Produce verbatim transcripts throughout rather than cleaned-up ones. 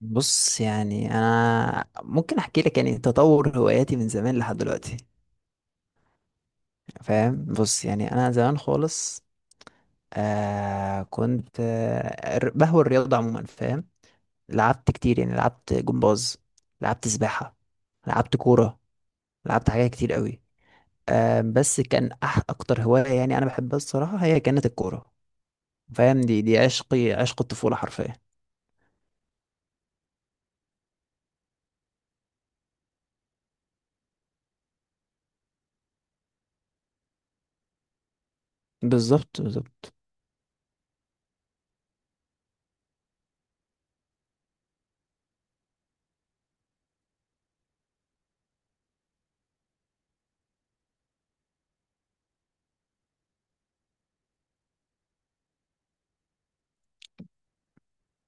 بص يعني انا ممكن احكي لك يعني تطور هواياتي من زمان لحد دلوقتي، فاهم؟ بص يعني انا زمان خالص، آه كنت آه ر- بهوى الرياضه عموما، فاهم؟ لعبت كتير، يعني لعبت جمباز، لعبت سباحه، لعبت كوره، لعبت حاجات كتير قوي. آه بس كان أح اكتر هوايه يعني انا بحبها الصراحه هي كانت الكوره، فاهم؟ دي دي عشقي، عشق الطفوله حرفيا. بالظبط بالظبط.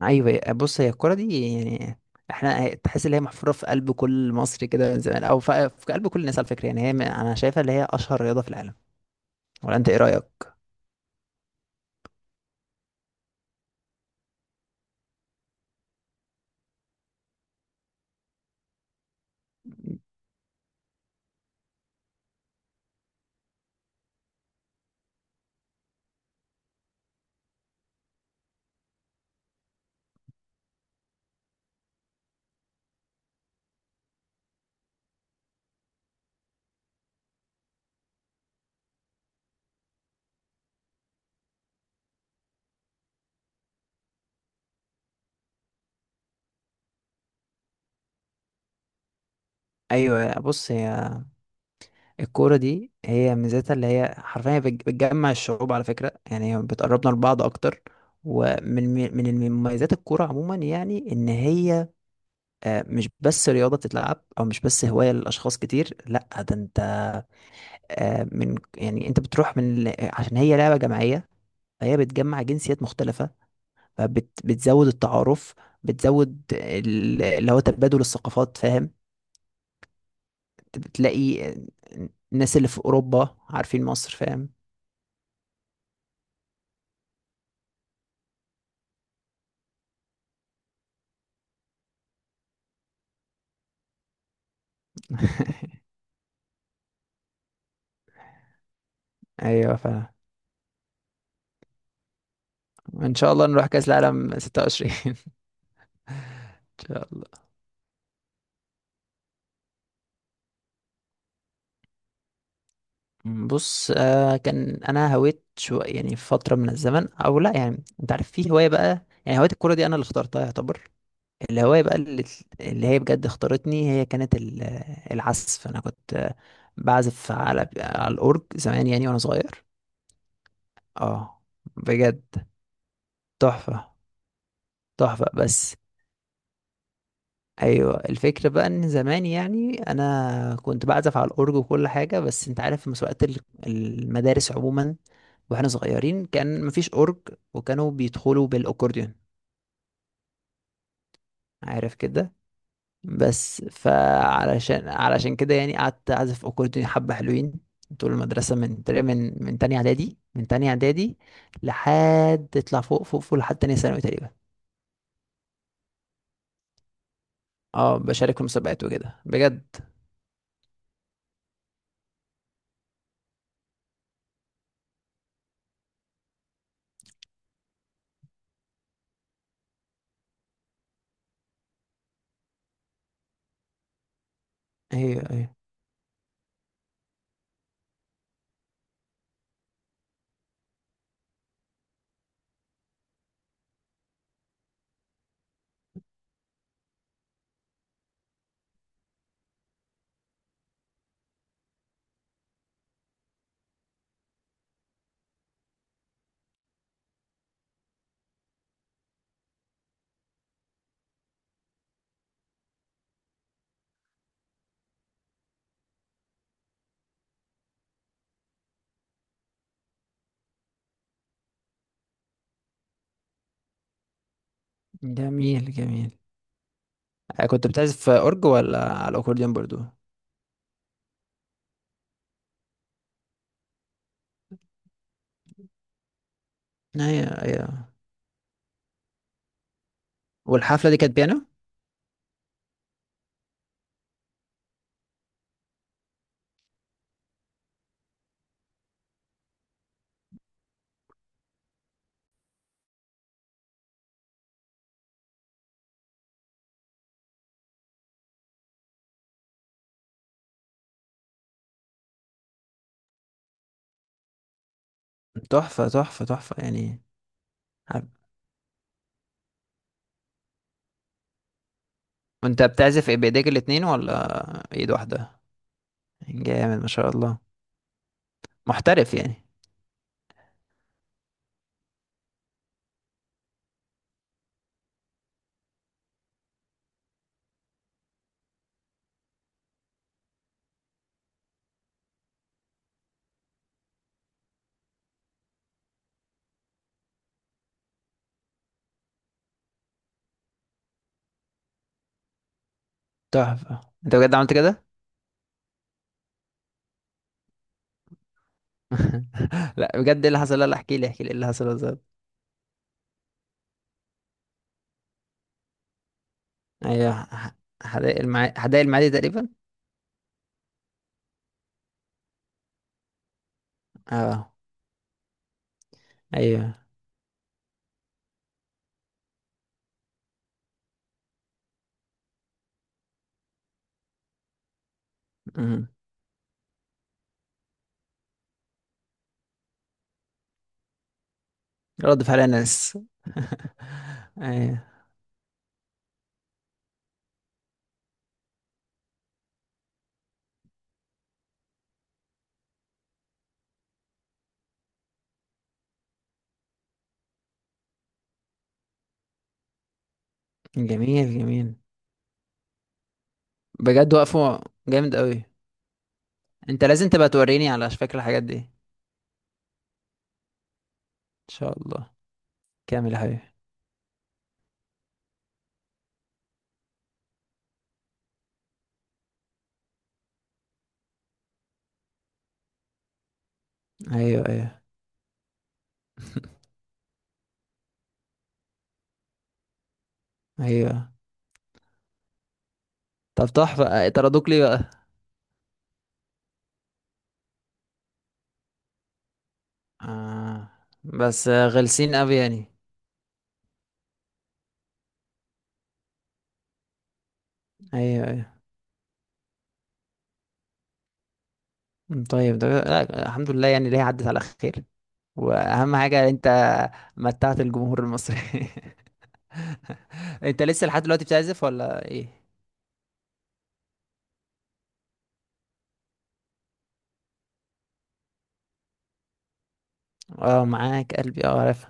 ايوه، بص، هي الكرة دي يعني احنا تحس ان هي محفورة في قلب كل مصري كده من زمان، او في في قلب كل الناس على فكرة، يعني هي م- انا شايفها اللي هي اشهر رياضة في العالم، ولا انت ايه رأيك؟ ايوه، بص، هي الكوره دي هي ميزتها اللي هي حرفيا بتج- بتجمع الشعوب على فكره، يعني هي بتقربنا لبعض اكتر. ومن من مميزات الكوره عموما يعني ان هي آه، مش بس رياضه بتتلعب، او مش بس هوايه لاشخاص كتير، لا ده انت آه، من يعني انت بتروح من ال- عشان هي لعبه جماعيه، فهي بتجمع جنسيات مختلفة، فبتزود التعارف، بتزود ال- اللي هو تبادل الثقافات، فاهم؟ بتلاقي الناس اللي في أوروبا عارفين مصر، فاهم؟ أيوة، فاهم. إن شاء الله نروح كأس العالم ستة وعشرين. إن شاء الله. بص آه كان أنا هويت شو يعني في فترة من الزمن، أو لأ، يعني أنت عارف، في هواية بقى، يعني هواية الكورة دي أنا اللي اخترتها يعتبر. الهواية بقى اللي, اللي هي بجد اختارتني، هي كانت ال- العزف. أنا كنت بعزف على على الأورج زمان يعني وأنا صغير. اه، بجد تحفة. تحفة بس. أيوة، الفكرة بقى إن زمان يعني أنا كنت بعزف على الأورج وكل حاجة، بس أنت عارف في مسابقات ال- المدارس عموما. واحنا صغيرين كان مفيش أورج، وكانوا بيدخلوا بالأكورديون. عارف كده. بس فعلشان علشان كده يعني قعدت اعزف اكورديون حبه حلوين طول المدرسه، من تقريبا من من تانية اعدادي من تانية اعدادي لحد تطلع فوق فوق فوق، لحد تانية ثانوي تقريبا. اه، بشارك في مسابقات وكده بجد. ايوه ايوه، جميل جميل. آه، كنت بتعزف اورج ولا على الاكورديون برضو؟ ايوه ايوه. والحفله دي كانت بيانو؟ تحفه تحفه تحفه يعني. عارف- وانت بتعزف ايه بايديك الاتنين ولا ايد واحده؟ جامد ما شاء الله، محترف يعني. تحفة، انت بجد عملت كده؟ لا، بجد ايه اللي حصل؟ لا لا، احكي لي احكي لي ايه اللي حصل بالظبط. ايوه، ح- حدائق المع... حدائق المعادي تقريبا. اه، ايوه. امم رد فعل ناس. ايوه، جميل جميل. بجد وقفوا؟ جامد قوي. انت لازم تبقى توريني على فكرة الحاجات دي. ان شاء الله، كامل يا حبيبي. ايوه ايوه. ايوه. طب تحفة، اه، طردوك ليه بقى؟ آه. بس اه، غلسين قوي يعني. ايوه ايوه. مم، طيب ده لا، الحمد لله يعني اللي هي عدت على خير. واهم حاجه انت متعت الجمهور المصري. انت لسه لحد دلوقتي بتعزف ولا ايه؟ اه، معاك قلبي، اه عارف.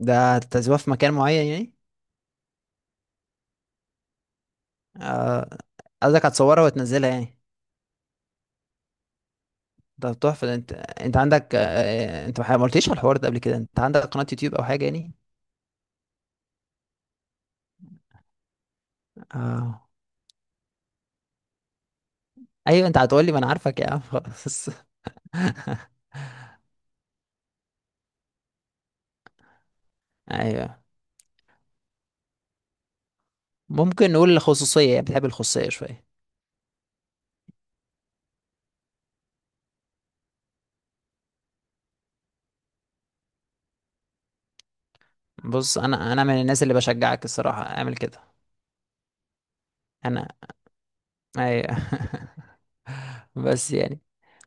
ده تعزفها في مكان معين يعني؟ اه، قصدك هتصورها وتنزلها يعني. ده تحفه، ده انت انت عندك، آه، انت ما قلتليش على الحوار ده قبل كده، انت عندك قناه يوتيوب او حاجه يعني؟ اه، ايوه. انت هتقولي ما انا عارفك يا عم، خلاص. ايوه، ممكن نقول الخصوصيه، يعني بتحب الخصوصيه شويه. بص، انا انا من الناس اللي بشجعك الصراحه، اعمل كده. انا. ايوه. بس يعني.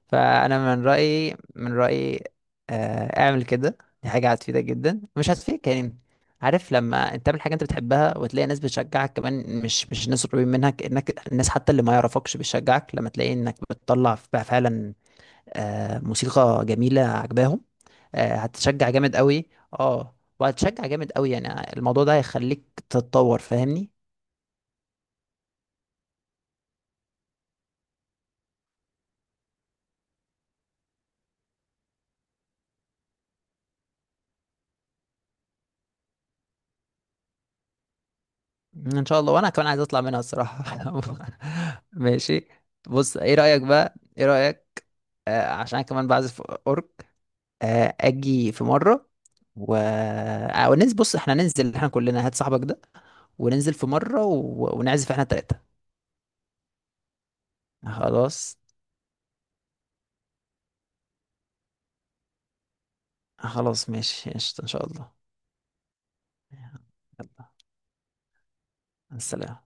فانا من رايي، من رايي. آه، اعمل كده، دي حاجه هتفيدك جدا، مش هتفيدك يعني؟ عارف لما انت تعمل حاجه انت بتحبها وتلاقي ناس بتشجعك كمان، مش مش ناس قريبين منك، انك الناس حتى اللي ما يعرفكش بتشجعك، لما تلاقي انك بتطلع بقى فعلا آه، موسيقى جميله عجباهم، آه، هتشجع جامد قوي. اه، وهتشجع جامد قوي يعني. الموضوع ده هيخليك تتطور، فاهمني؟ ان شاء الله، وانا كمان عايز اطلع منها الصراحه. ماشي. بص، ايه رايك بقى، ايه رايك آه عشان أنا كمان بعزف اورك. آه اجي في مره و آه وننزل، بص احنا ننزل احنا كلنا، هات صاحبك ده وننزل في مره و... ونعزف احنا التلاته. خلاص. خلاص ماشي قشطة ان شاء الله. يلا. السلام.